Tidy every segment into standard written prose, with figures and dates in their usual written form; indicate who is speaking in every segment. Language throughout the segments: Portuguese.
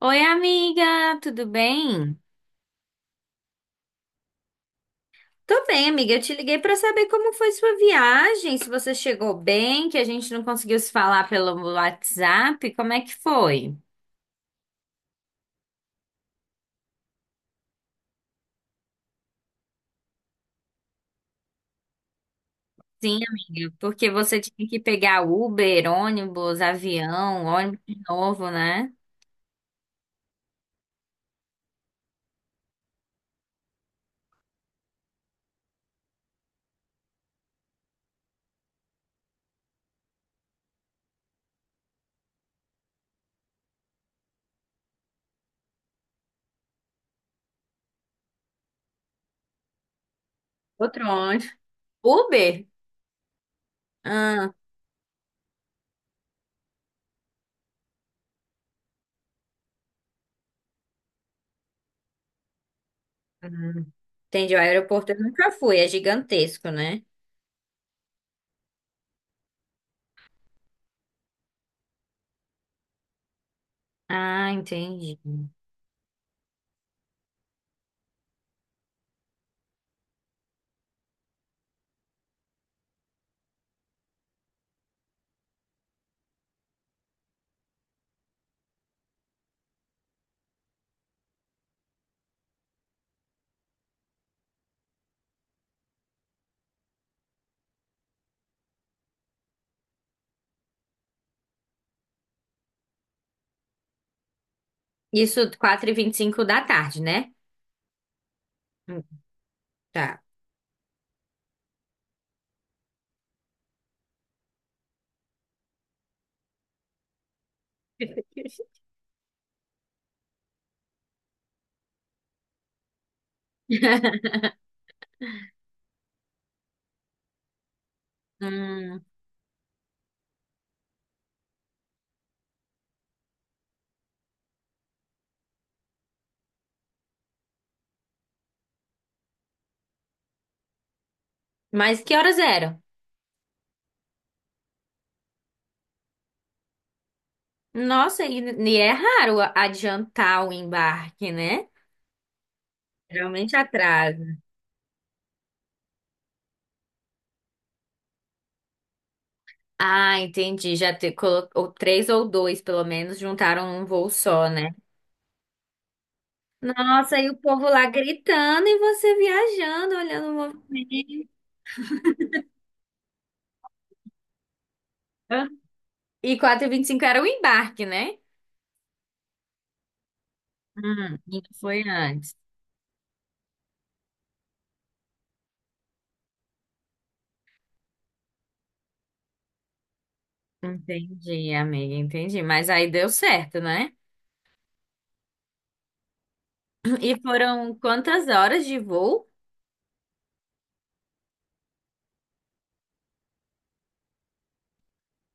Speaker 1: Oi, amiga, tudo bem? Tô bem, amiga. Eu te liguei pra saber como foi sua viagem, se você chegou bem, que a gente não conseguiu se falar pelo WhatsApp. Como é que foi? Sim, amiga, porque você tinha que pegar Uber, ônibus, avião, ônibus de novo, né? Outro ônibus? Uber? Ah, hum. Entendi. O aeroporto eu nunca fui, é gigantesco, né? Ah, entendi. Isso 4:25 da tarde, né? Hum. Tá. Hum, mas que horas eram? Nossa, e é raro adiantar o embarque, né? Geralmente atrasa. Ah, entendi. Já te, colocou três ou dois, pelo menos, juntaram num voo só, né? Nossa, e o povo lá gritando e você viajando, olhando o movimento. E 4:25 era o embarque, né? Isso foi antes. Entendi, amiga, entendi. Mas aí deu certo, né? E foram quantas horas de voo?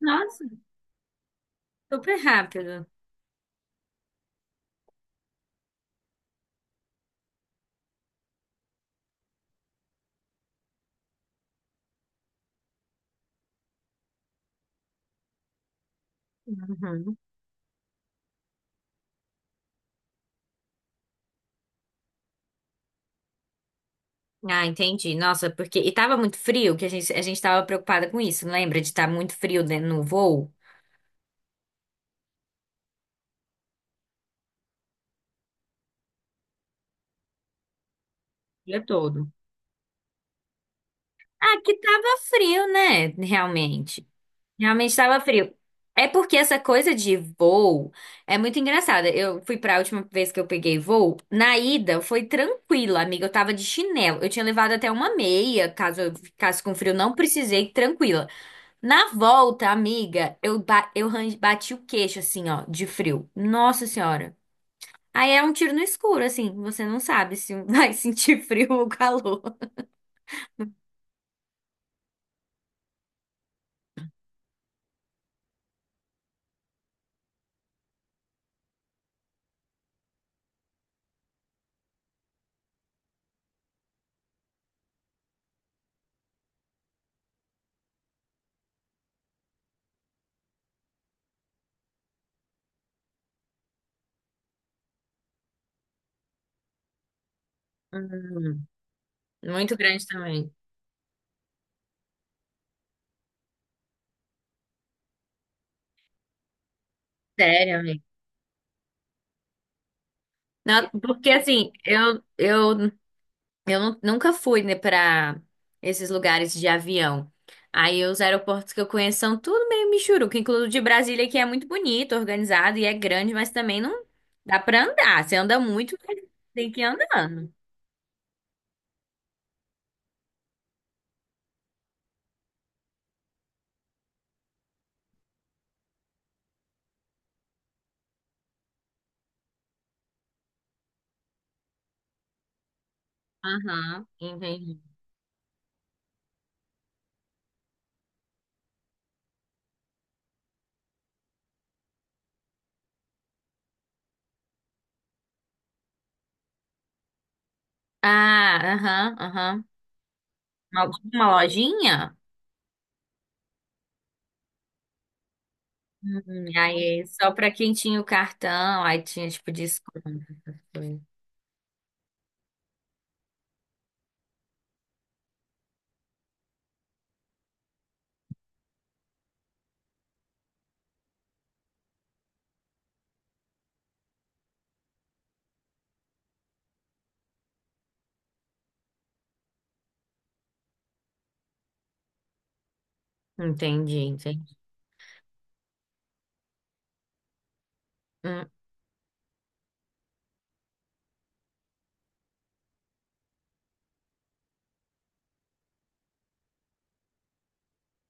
Speaker 1: Nossa, super rápido. Uhum. Ah, entendi. Nossa, porque. E tava muito frio, que a gente tava preocupada com isso, não lembra? De estar muito frio dentro no voo? O dia todo. Ah, que tava frio, né? Realmente. Realmente tava frio. É porque essa coisa de voo é muito engraçada. Eu fui pra última vez que eu peguei voo, na ida foi tranquila, amiga. Eu tava de chinelo. Eu tinha levado até uma meia, caso eu ficasse com frio, não precisei, tranquila. Na volta, amiga, eu bati o queixo, assim, ó, de frio. Nossa senhora. Aí é um tiro no escuro, assim. Você não sabe se vai sentir frio ou calor. Hum, muito grande também. Sério, amiga. Não, porque, assim, eu nunca fui, né, pra esses lugares de avião. Aí os aeroportos que eu conheço são tudo meio michuruca, incluindo o de Brasília, que é muito bonito, organizado e é grande, mas também não dá pra andar. Você anda muito, mas tem que ir andando. Aham, entendi. Ah, aham, aham. Alguma lojinha? Uhum, aí só pra quem tinha o cartão, aí tinha tipo desconto. Essas coisas. Entendi, entendi. Hum.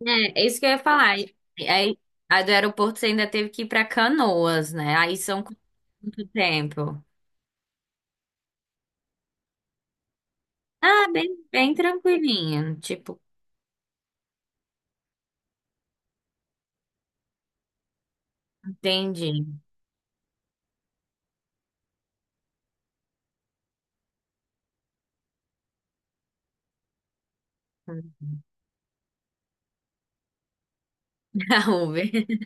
Speaker 1: É, é isso que eu ia falar. Aí, a do aeroporto você ainda teve que ir pra Canoas, né? Aí são quanto tempo? Ah, bem, bem tranquilinho. Tipo, entendi. Da Uber.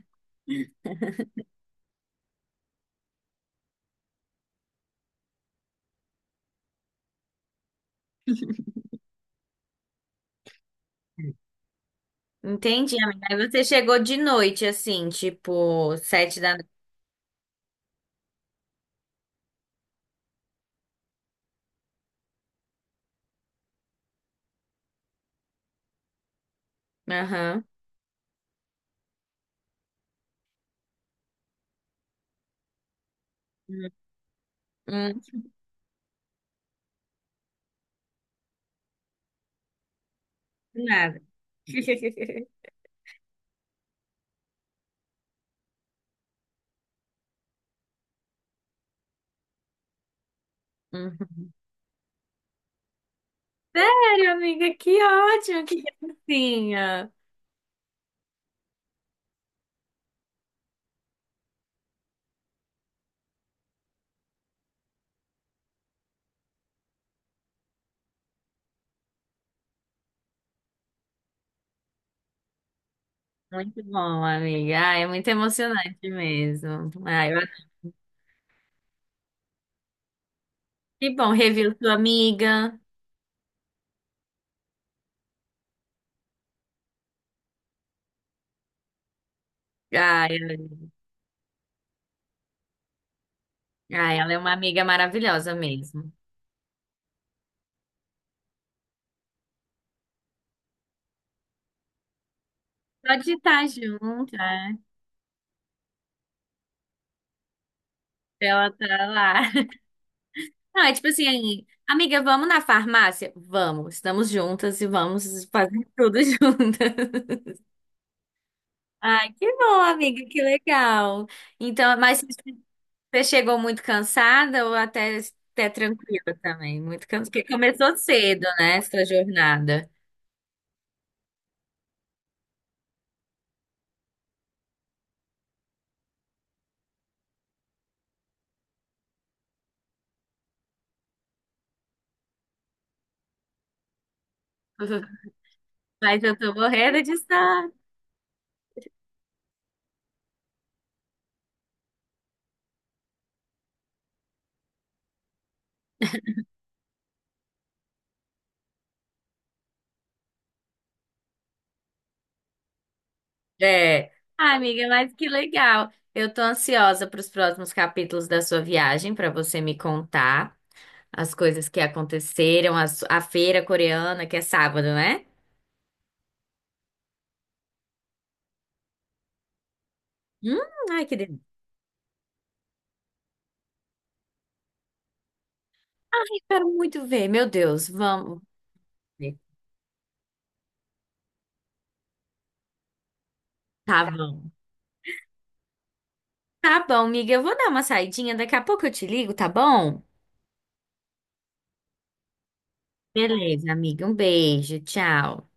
Speaker 1: Entendi, amiga. Aí você chegou de noite, assim, tipo, 7 da noite. Aham. Hum. Nada. Hum, Sério, amiga, que ótimo, que gracinha. Muito bom, amiga. Ah, é muito emocionante mesmo. Que bom, reviu sua amiga. Ah, ai ela é uma amiga maravilhosa mesmo. Só de estar junto, né? Ela tá lá. Não, é tipo assim, amiga, vamos na farmácia? Vamos, estamos juntas e vamos fazer tudo juntas. Ai, que bom, amiga, que legal. Então, mas você chegou muito cansada ou até tranquila também? Muito cansada, porque começou cedo, né, essa jornada. Mas eu tô morrendo de sono. É. Ah, amiga, mas que legal. Eu tô ansiosa para os próximos capítulos da sua viagem, para você me contar as coisas que aconteceram, a, a feira coreana, que é sábado, né? Hum, ai, que delícia. Ai, quero muito ver. Meu Deus, vamos ver. Tá bom. Tá bom, amiga, eu vou dar uma saidinha, daqui a pouco eu te ligo, tá bom? Beleza, amiga. Um beijo. Tchau.